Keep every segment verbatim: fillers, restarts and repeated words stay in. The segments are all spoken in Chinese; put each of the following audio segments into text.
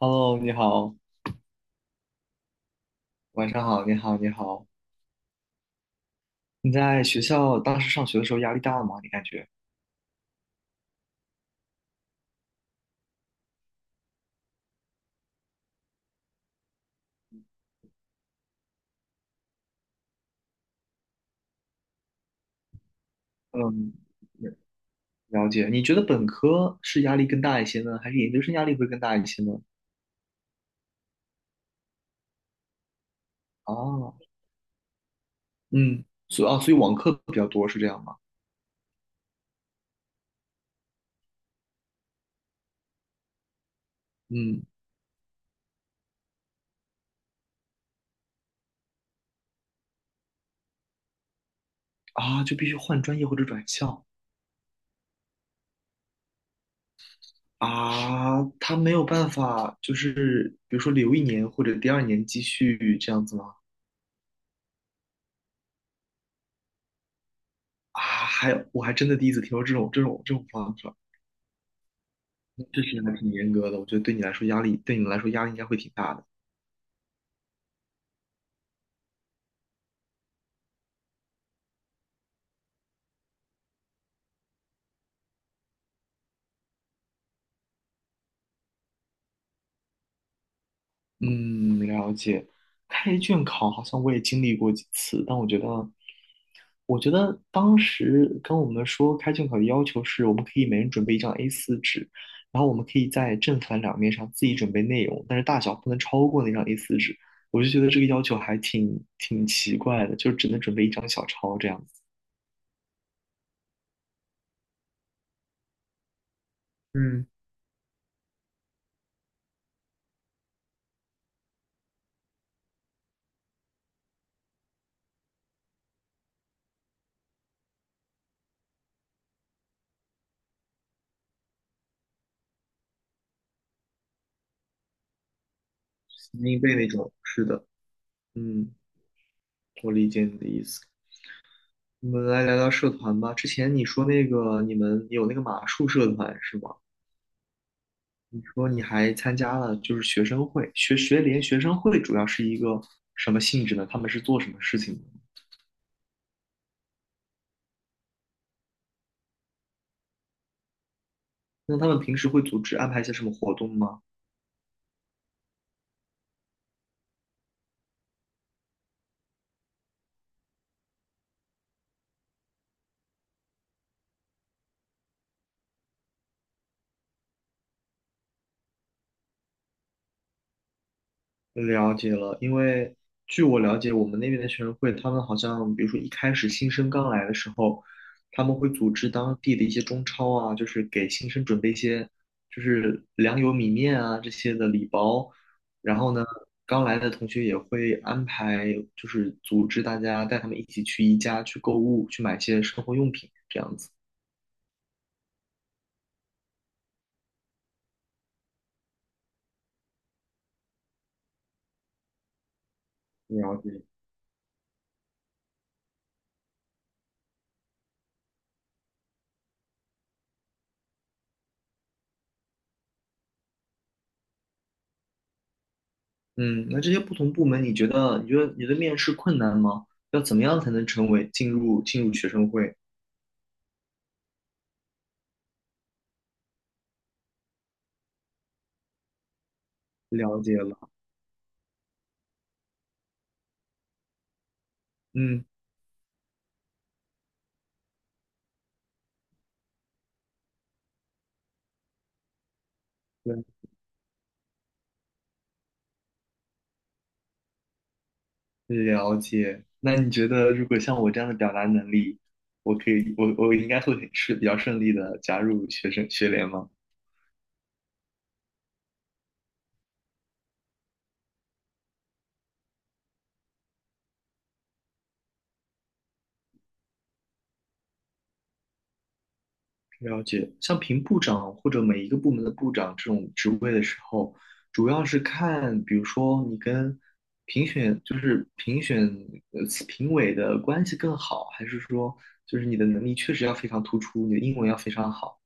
Hello，你好，晚上好，你好，你好。你在学校当时上学的时候压力大吗？你感觉？嗯，了解。你觉得本科是压力更大一些呢，还是研究生压力会更大一些呢？啊，嗯，所以啊，所以网课比较多是这样吗？嗯，啊，就必须换专业或者转校。啊，他没有办法，就是比如说留一年或者第二年继续这样子吗？啊，还有，我还真的第一次听说这种这种这种方法。这实还挺严格的，我觉得对你来说压力，对你们来说压力应该会挺大的。嗯，了解。开卷考好像我也经历过几次，但我觉得，我觉得当时跟我们说开卷考的要求是，我们可以每人准备一张 A 四 纸，然后我们可以在正反两面上自己准备内容，但是大小不能超过那张 A 四 纸。我就觉得这个要求还挺挺奇怪的，就只能准备一张小抄这样子。嗯，死记硬背那种。是的，嗯，我理解你的意思。我们来聊聊社团吧。之前你说那个你们有那个马术社团是吗？你说你还参加了就是学生会、学学联、学生会，主要是一个什么性质呢？他们是做什么事情的？那他们平时会组织安排一些什么活动吗？了解了，因为据我了解，我们那边的学生会，他们好像比如说一开始新生刚来的时候，他们会组织当地的一些中超啊，就是给新生准备一些就是粮油米面啊这些的礼包，然后呢，刚来的同学也会安排就是组织大家带他们一起去宜家去购物，去买一些生活用品这样子。了解。嗯，那这些不同部门，你觉得你觉得你的面试困难吗？要怎么样才能成为进入进入学生会？了解了，嗯，对，了解。那你觉得，如果像我这样的表达能力，我可以，我我应该会是比较顺利的加入学生学联吗？了解。像评部长或者每一个部门的部长这种职位的时候，主要是看，比如说你跟评选，就是评选呃评委的关系更好，还是说就是你的能力确实要非常突出，你的英文要非常好。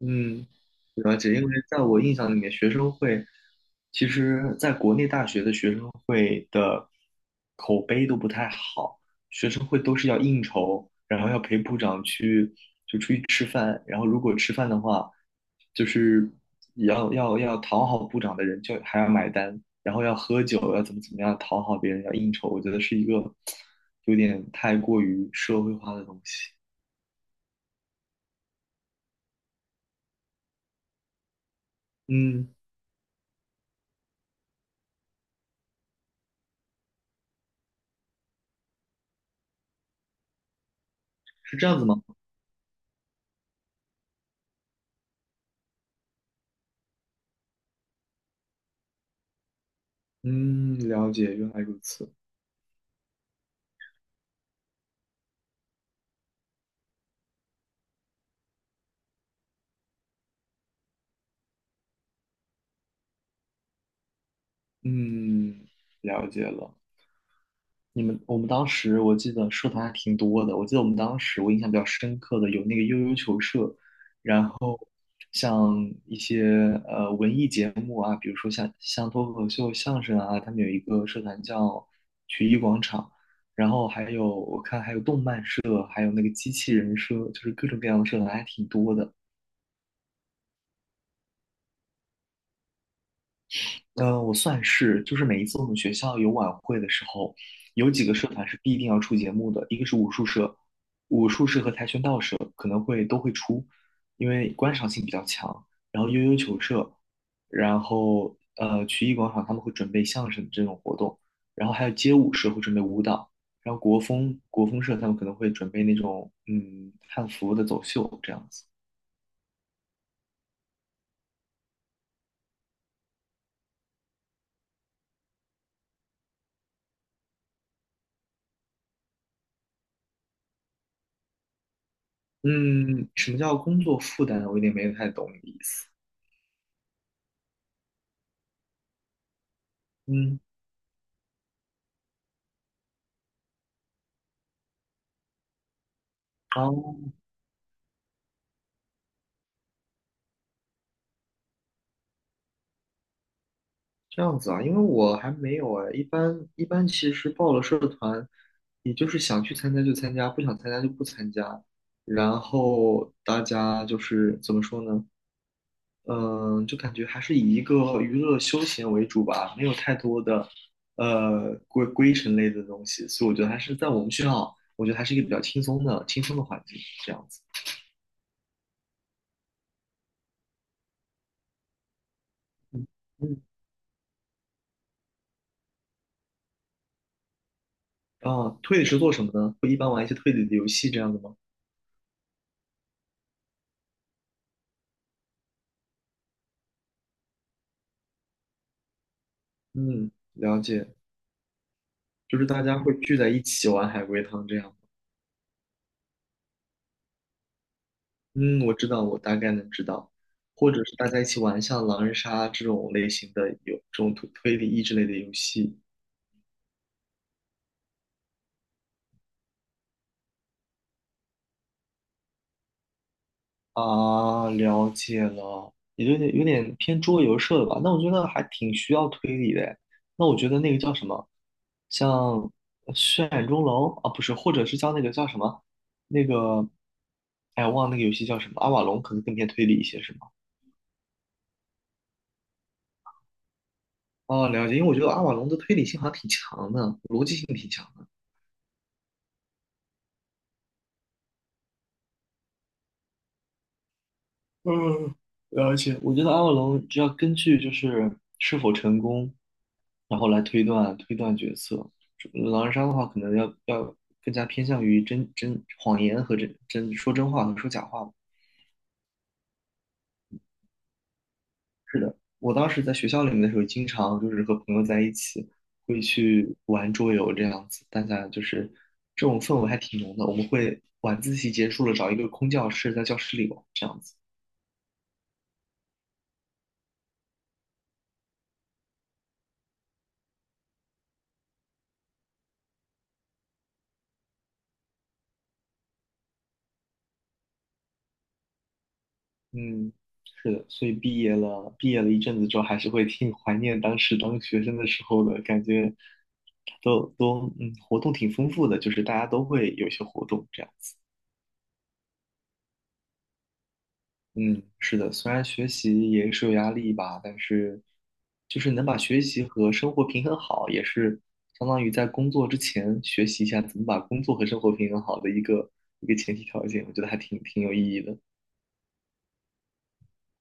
嗯，了解。因为在我印象里面，学生会其实在国内大学的学生会的口碑都不太好，学生会都是要应酬，然后要陪部长去就出去吃饭，然后如果吃饭的话，就是要要要讨好部长的人就还要买单，然后要喝酒，要怎么怎么样讨好别人，要应酬，我觉得是一个有点太过于社会化的东西。嗯，是这样子吗？嗯，了解，原来如此。嗯，了解了。你们，我们当时我记得社团还挺多的。我记得我们当时我印象比较深刻的有那个悠悠球社，然后像一些呃文艺节目啊，比如说像像脱口秀、相声啊，他们有一个社团叫曲艺广场。然后还有我看还有动漫社，还有那个机器人社，就是各种各样的社团还挺多的。嗯，我算是，就是每一次我们学校有晚会的时候，有几个社团是必定要出节目的，一个是武术社，武术社和跆拳道社可能会都会出，因为观赏性比较强。然后悠悠球社，然后呃曲艺广场他们会准备相声这种活动，然后还有街舞社会准备舞蹈，然后国风国风社他们可能会准备那种嗯汉服的走秀这样子。嗯，什么叫工作负担？我有点没太懂你的意思。嗯。好。这样子啊，因为我还没有哎，一般一般其实报了社团，你就是想去参加就参加，不想参加就不参加。然后大家就是怎么说呢？嗯，就感觉还是以一个娱乐休闲为主吧，没有太多的呃规规程类的东西，所以我觉得还是在我们学校，我觉得还是一个比较轻松的轻松的环境这样子。嗯嗯，啊，推理是做什么呢？会一般玩一些推理的游戏这样的吗？嗯，了解。就是大家会聚在一起玩海龟汤这样。嗯，我知道，我大概能知道，或者是大家一起玩像狼人杀这种类型的有这种推推理益智类的游戏。啊，了解了，也有点有点偏桌游社的吧？那我觉得还挺需要推理的诶。那我觉得那个叫什么，像呃血染钟楼啊，不是，或者是叫那个叫什么，那个，哎，我忘了那个游戏叫什么，阿瓦隆可能更偏推理一些，是吗？哦，了解，因为我觉得阿瓦隆的推理性好像挺强的，逻辑性挺强的。而且我觉得阿瓦隆只要根据就是是否成功，然后来推断推断角色。狼人杀的话，可能要要更加偏向于真真谎言和真真说真话和说假话吧。我当时在学校里面的时候，经常就是和朋友在一起会去玩桌游这样子，大家就是这种氛围还挺浓的。我们会晚自习结束了找一个空教室在教室里玩这样子。嗯，是的，所以毕业了，毕业了，一阵子之后，还是会挺怀念当时当学生的时候的感觉。都，都嗯，活动挺丰富的，就是大家都会有一些活动这样子。嗯，是的，虽然学习也是有压力吧，但是就是能把学习和生活平衡好，也是相当于在工作之前学习一下怎么把工作和生活平衡好的一个一个前提条件，我觉得还挺挺有意义的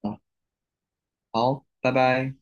啊。好，拜拜。